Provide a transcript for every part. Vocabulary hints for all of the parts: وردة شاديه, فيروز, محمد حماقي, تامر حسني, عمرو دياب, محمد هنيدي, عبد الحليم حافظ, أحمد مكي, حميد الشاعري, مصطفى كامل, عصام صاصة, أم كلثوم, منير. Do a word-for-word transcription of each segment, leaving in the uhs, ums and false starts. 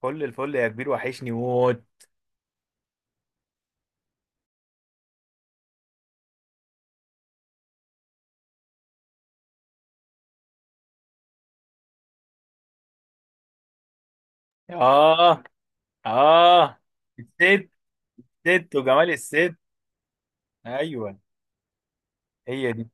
كل الفل يا كبير، وحشني موت. اه. اه. الست، ست وجمال الست. ايوه، هي دي.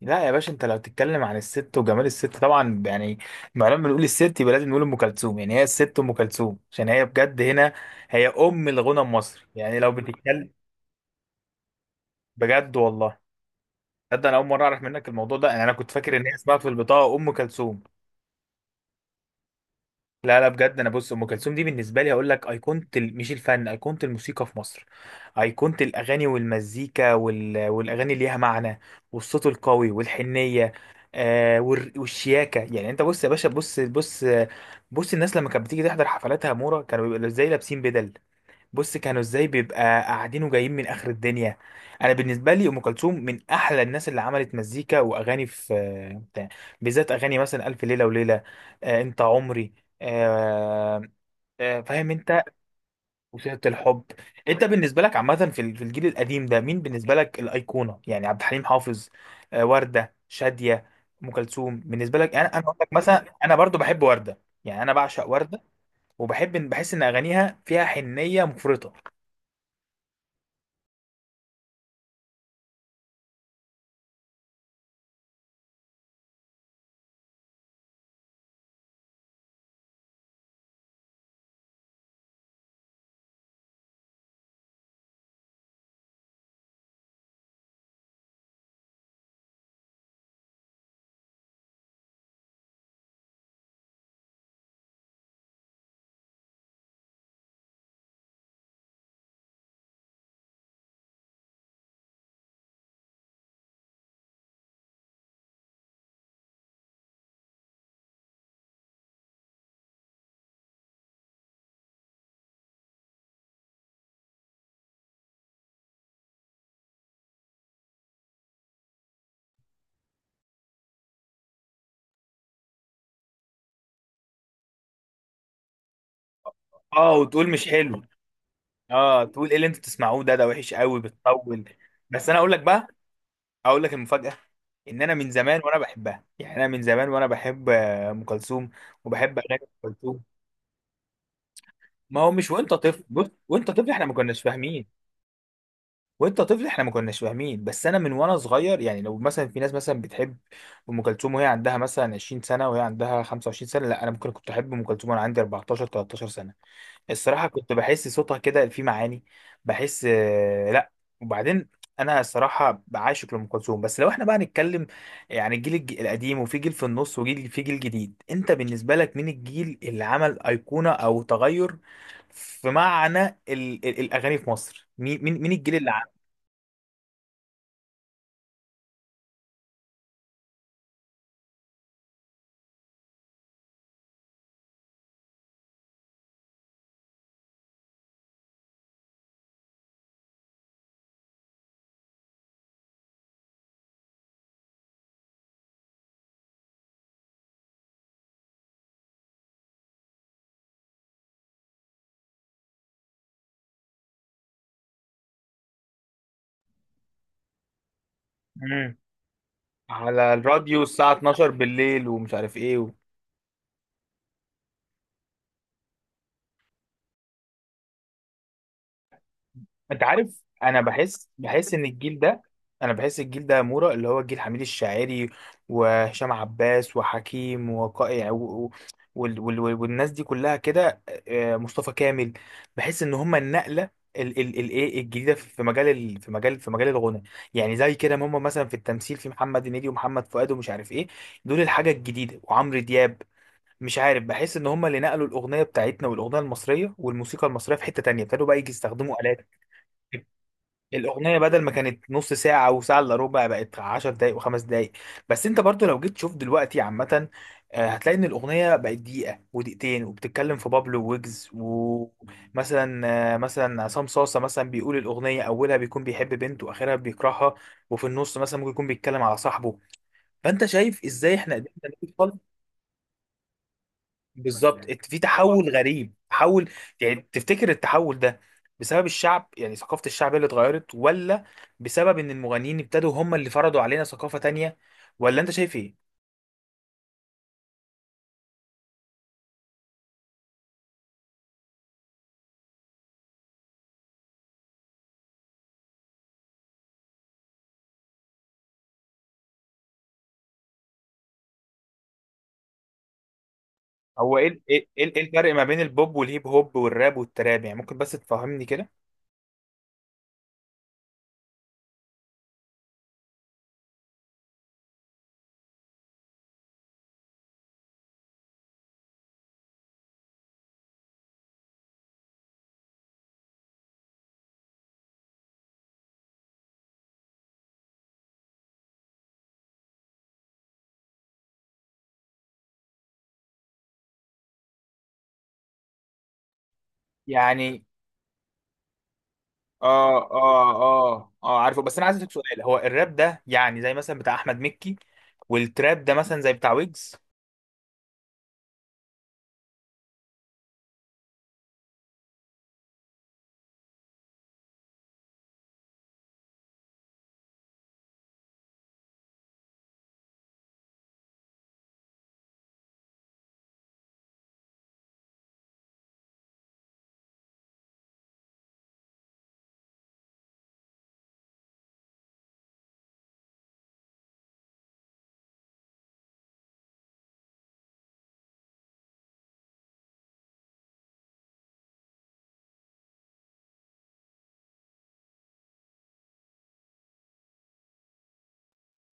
لا يا باشا، انت لو تتكلم عن الست وجمال الست طبعا يعني ما لما بنقول الست يبقى لازم نقول ام كلثوم، يعني هي الست ام كلثوم عشان هي بجد هنا، هي ام الغنى المصري، يعني لو بتتكلم. بجد والله. تصدق انا اول مره اعرف منك الموضوع ده، يعني انا كنت فاكر ان هي اسمها في البطاقه ام كلثوم. لا لا، بجد انا بص، ام كلثوم دي بالنسبه لي هقول لك ايقونه ال- مش الفن، ايقونه الموسيقى في مصر، ايقونه الاغاني والمزيكا وال... والاغاني اللي ليها معنى، والصوت القوي والحنيه، آه وال... والشياكه. يعني انت بص يا باشا، بص بص. بص الناس لما كانت بتيجي تحضر حفلاتها، مورا، كانوا بيبقوا ازاي؟ لابسين بدل. بص كانوا ازاي بيبقى قاعدين وجايين من اخر الدنيا. انا بالنسبه لي ام كلثوم من احلى الناس اللي عملت مزيكا واغاني في بتاع- بالذات اغاني، مثلا الف ليله وليله، آه، انت عمري. آه. آه، فاهم انت. وسيره الحب. انت بالنسبه لك عامه في ال- في الجيل القديم ده مين بالنسبه لك الايقونه؟ يعني عبد الحليم حافظ، آه، ورده، شاديه، ام كلثوم. بالنسبه لك انا انا اقول لك مثلا، انا برضو بحب ورده، يعني انا بعشق ورده، وبحب إن- بحس ان اغانيها فيها حنيه مفرطه. اه، وتقول مش حلو. اه، تقول ايه اللي انتوا بتسمعوه ده ده وحش قوي، بتطول. بس انا اقول لك بقى، اقول لك المفاجاه، ان انا من زمان وانا بحبها، يعني انا من زمان وانا بحب آه، ام كلثوم، وبحب اغاني ام كلثوم. ما هو مش وانت طفل، بص وانت طفل احنا ما كناش فاهمين، وانت طفل احنا ما كناش فاهمين، بس انا من وانا صغير يعني. لو مثلا في ناس مثلا بتحب ام كلثوم وهي عندها مثلا عشرين سنه، وهي عندها خمسة وعشرين سنه، لا انا ممكن كنت احب ام كلثوم وانا عندي اربعتاشر تلتاشر سنه. الصراحة كنت بحس صوتها كده فيه معاني، بحس، آه، لا. وبعدين انا الصراحة بعاشق لأم كلثوم. بس لو احنا بقى نتكلم يعني الجيل الج- القديم، وفي جيل في النص، وجيل في جيل جديد، انت بالنسبة لك مين الجيل اللي عمل أيقونة او تغير في معنى ال ال الأغاني في مصر؟ مين مين مين الجيل اللي عمل؟ مم. على الراديو الساعة اتناشر بالليل، ومش عارف ايه و... انت عارف، انا بحس بحس ان الجيل ده، انا بحس الجيل ده يا مورا اللي هو جيل حميد الشاعري وهشام عباس وحكيم وقائع و... و... وال... وال... وال- والناس دي كلها كده، آه، مصطفى كامل. بحس ان هم النقله ال... ال... ال... ايه الجديده في في مجال ال... في مجال في مجال الغنى. يعني زي كده ما هم، مثلا في التمثيل في محمد هنيدي ومحمد فؤاد ومش عارف ايه، دول الحاجه الجديده، وعمرو دياب. مش عارف، بحس ان هم اللي نقلوا الاغنيه بتاعتنا، والاغنيه المصريه والموسيقى المصريه في حته تانية، ابتدوا بقى يجي يستخدموا آلات. الاغنيه بدل ما كانت نص ساعه او ساعه الا ربع، بقت عشر دقائق وخمس دقائق. بس انت برضو لو جيت تشوف دلوقتي عامه، آه، هتلاقي ان الاغنيه بقت دقيقه ودقيقتين، وبتتكلم في بابلو ويجز ومثلا، آه، مثلا عصام صاصه مثلا بيقول الاغنيه اولها بيكون بيحب بنت واخرها بيكرهها، وفي النص مثلا ممكن يكون بيتكلم على صاحبه. فانت شايف ازاي احنا قدرنا. بالظبط، يعني ات- في تحول غريب، تحول. يعني تفتكر التحول ده بسبب الشعب، يعني ثقافة الشعب هي اللي اتغيرت، ولا بسبب ان المغنيين ابتدوا هم اللي فرضوا علينا ثقافة تانية، ولا انت شايف ايه؟ هو ايه ال- ايه ايه إيه الفرق ما بين البوب والهيب هوب والراب والتراب؟ يعني ممكن بس تفهمني كده. يعني اه، اه، اه، اه، عارفه. بس انا عايز اسالك سؤال، هو الراب ده يعني زي مثلا بتاع احمد مكي، والتراب ده مثلا زي بتاع ويجز؟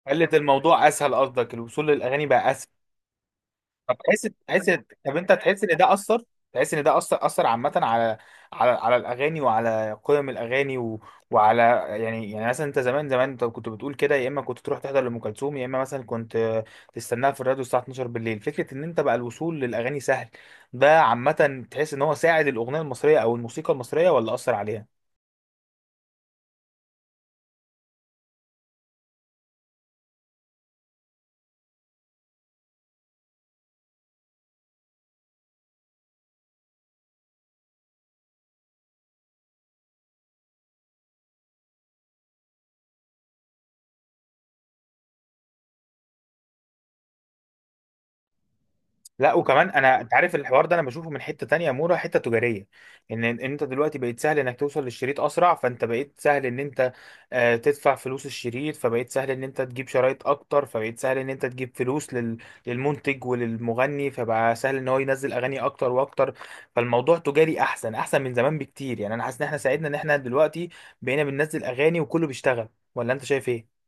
خلت الموضوع اسهل، قصدك الوصول للاغاني بقى. طب تحس، تحس، طب انت تحس ان ده اثر؟ تحس ان ده اثر، اثر عامه على، على على الاغاني وعلى قيم الاغاني و... وعلى، يعني يعني مثلا انت زمان زمان انت كنت بتقول كده، يا اما كنت تروح تحضر لام كلثوم، يا اما مثلا كنت تستناها في الراديو الساعه اتناشر بالليل. فكره ان انت بقى الوصول للاغاني سهل ده، عامه تحس ان هو ساعد الاغنيه المصريه او الموسيقى المصريه، ولا اثر عليها؟ لا، وكمان انا انت عارف الحوار ده انا بشوفه من حته تانية، يا مورا، حته تجاريه. ان إن انت دلوقتي بقيت سهل انك توصل للشريط اسرع، فانت بقيت سهل ان انت، آه، تدفع فلوس الشريط، فبقيت سهل ان انت تجيب شرايط اكتر، فبقيت سهل ان انت تجيب فلوس لل... للمنتج وللمغني، فبقى سهل ان هو ينزل اغاني اكتر واكتر. فالموضوع تجاري احسن احسن من زمان بكتير، يعني انا حاسس ان احنا ساعدنا ان احنا دلوقتي بقينا بننزل اغاني وكله بيشتغل. ولا انت شايف ايه؟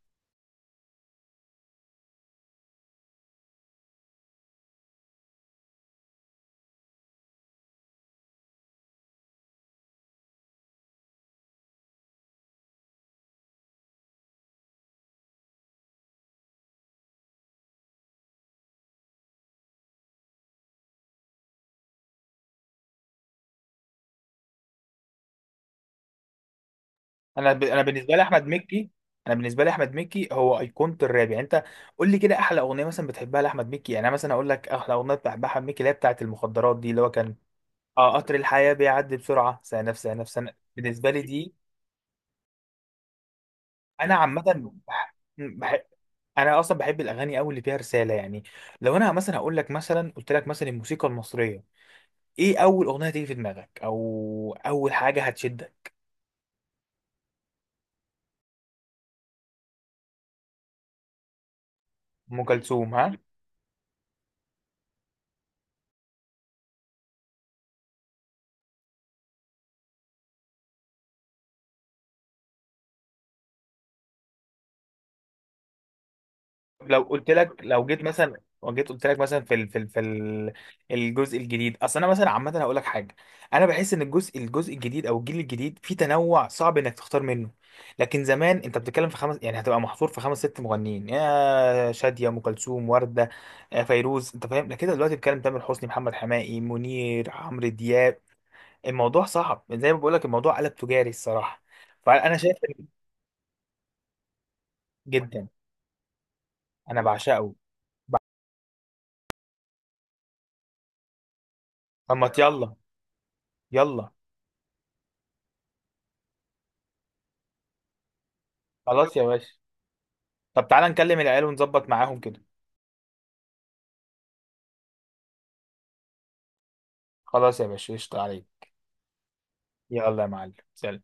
انا ب... انا بالنسبه لي احمد مكي، انا بالنسبه لي احمد مكي هو ايقونه الراب، يعني انت قول لي كده احلى اغنيه مثلا بتحبها لاحمد مكي. يعني انا مثلا اقول لك احلى اغنيه بحبها احمد مكي اللي هي بتاعه المخدرات دي، اللي هو كان، اه، قطر الحياه، بيعدي بسرعه سنه في سنه في سنه، بالنسبه لي دي. انا عامه بح... بح... انا اصلا بحب الاغاني قوي اللي فيها رساله، يعني لو انا مثلا هقول لك، مثلا قلت لك مثلا الموسيقى المصريه، ايه اول اغنيه تيجي في دماغك او اول حاجه هتشدك؟ ام كلثوم؟ ها. لو قلت لك، لو جيت مثلا وجيت قلت لك مثلا في ال في ال في ال الجزء الجديد، اصل انا مثلا عامه هقول لك حاجه، انا بحس ان الجزء الجزء الجديد او الجيل الجديد فيه تنوع صعب انك تختار منه. لكن زمان انت بتتكلم في خمس، يعني هتبقى محصور في خمس ست مغنيين، يا شاديه، ام كلثوم، ورده، آه، فيروز، انت فاهم؟ لكن دلوقتي بتتكلم تامر حسني، محمد حماقي، منير، عمرو دياب. الموضوع صعب زي ما بقول لك، الموضوع قلب تجاري الصراحه. فانا شايف إن- جدا، انا بعشقه. طب ما يلا، يلا. خلاص يا باشا. طب تعالى نكلم العيال ونظبط معاهم كده. خلاص يا باشا، قشطة عليك. يلا يا معلم، سلام.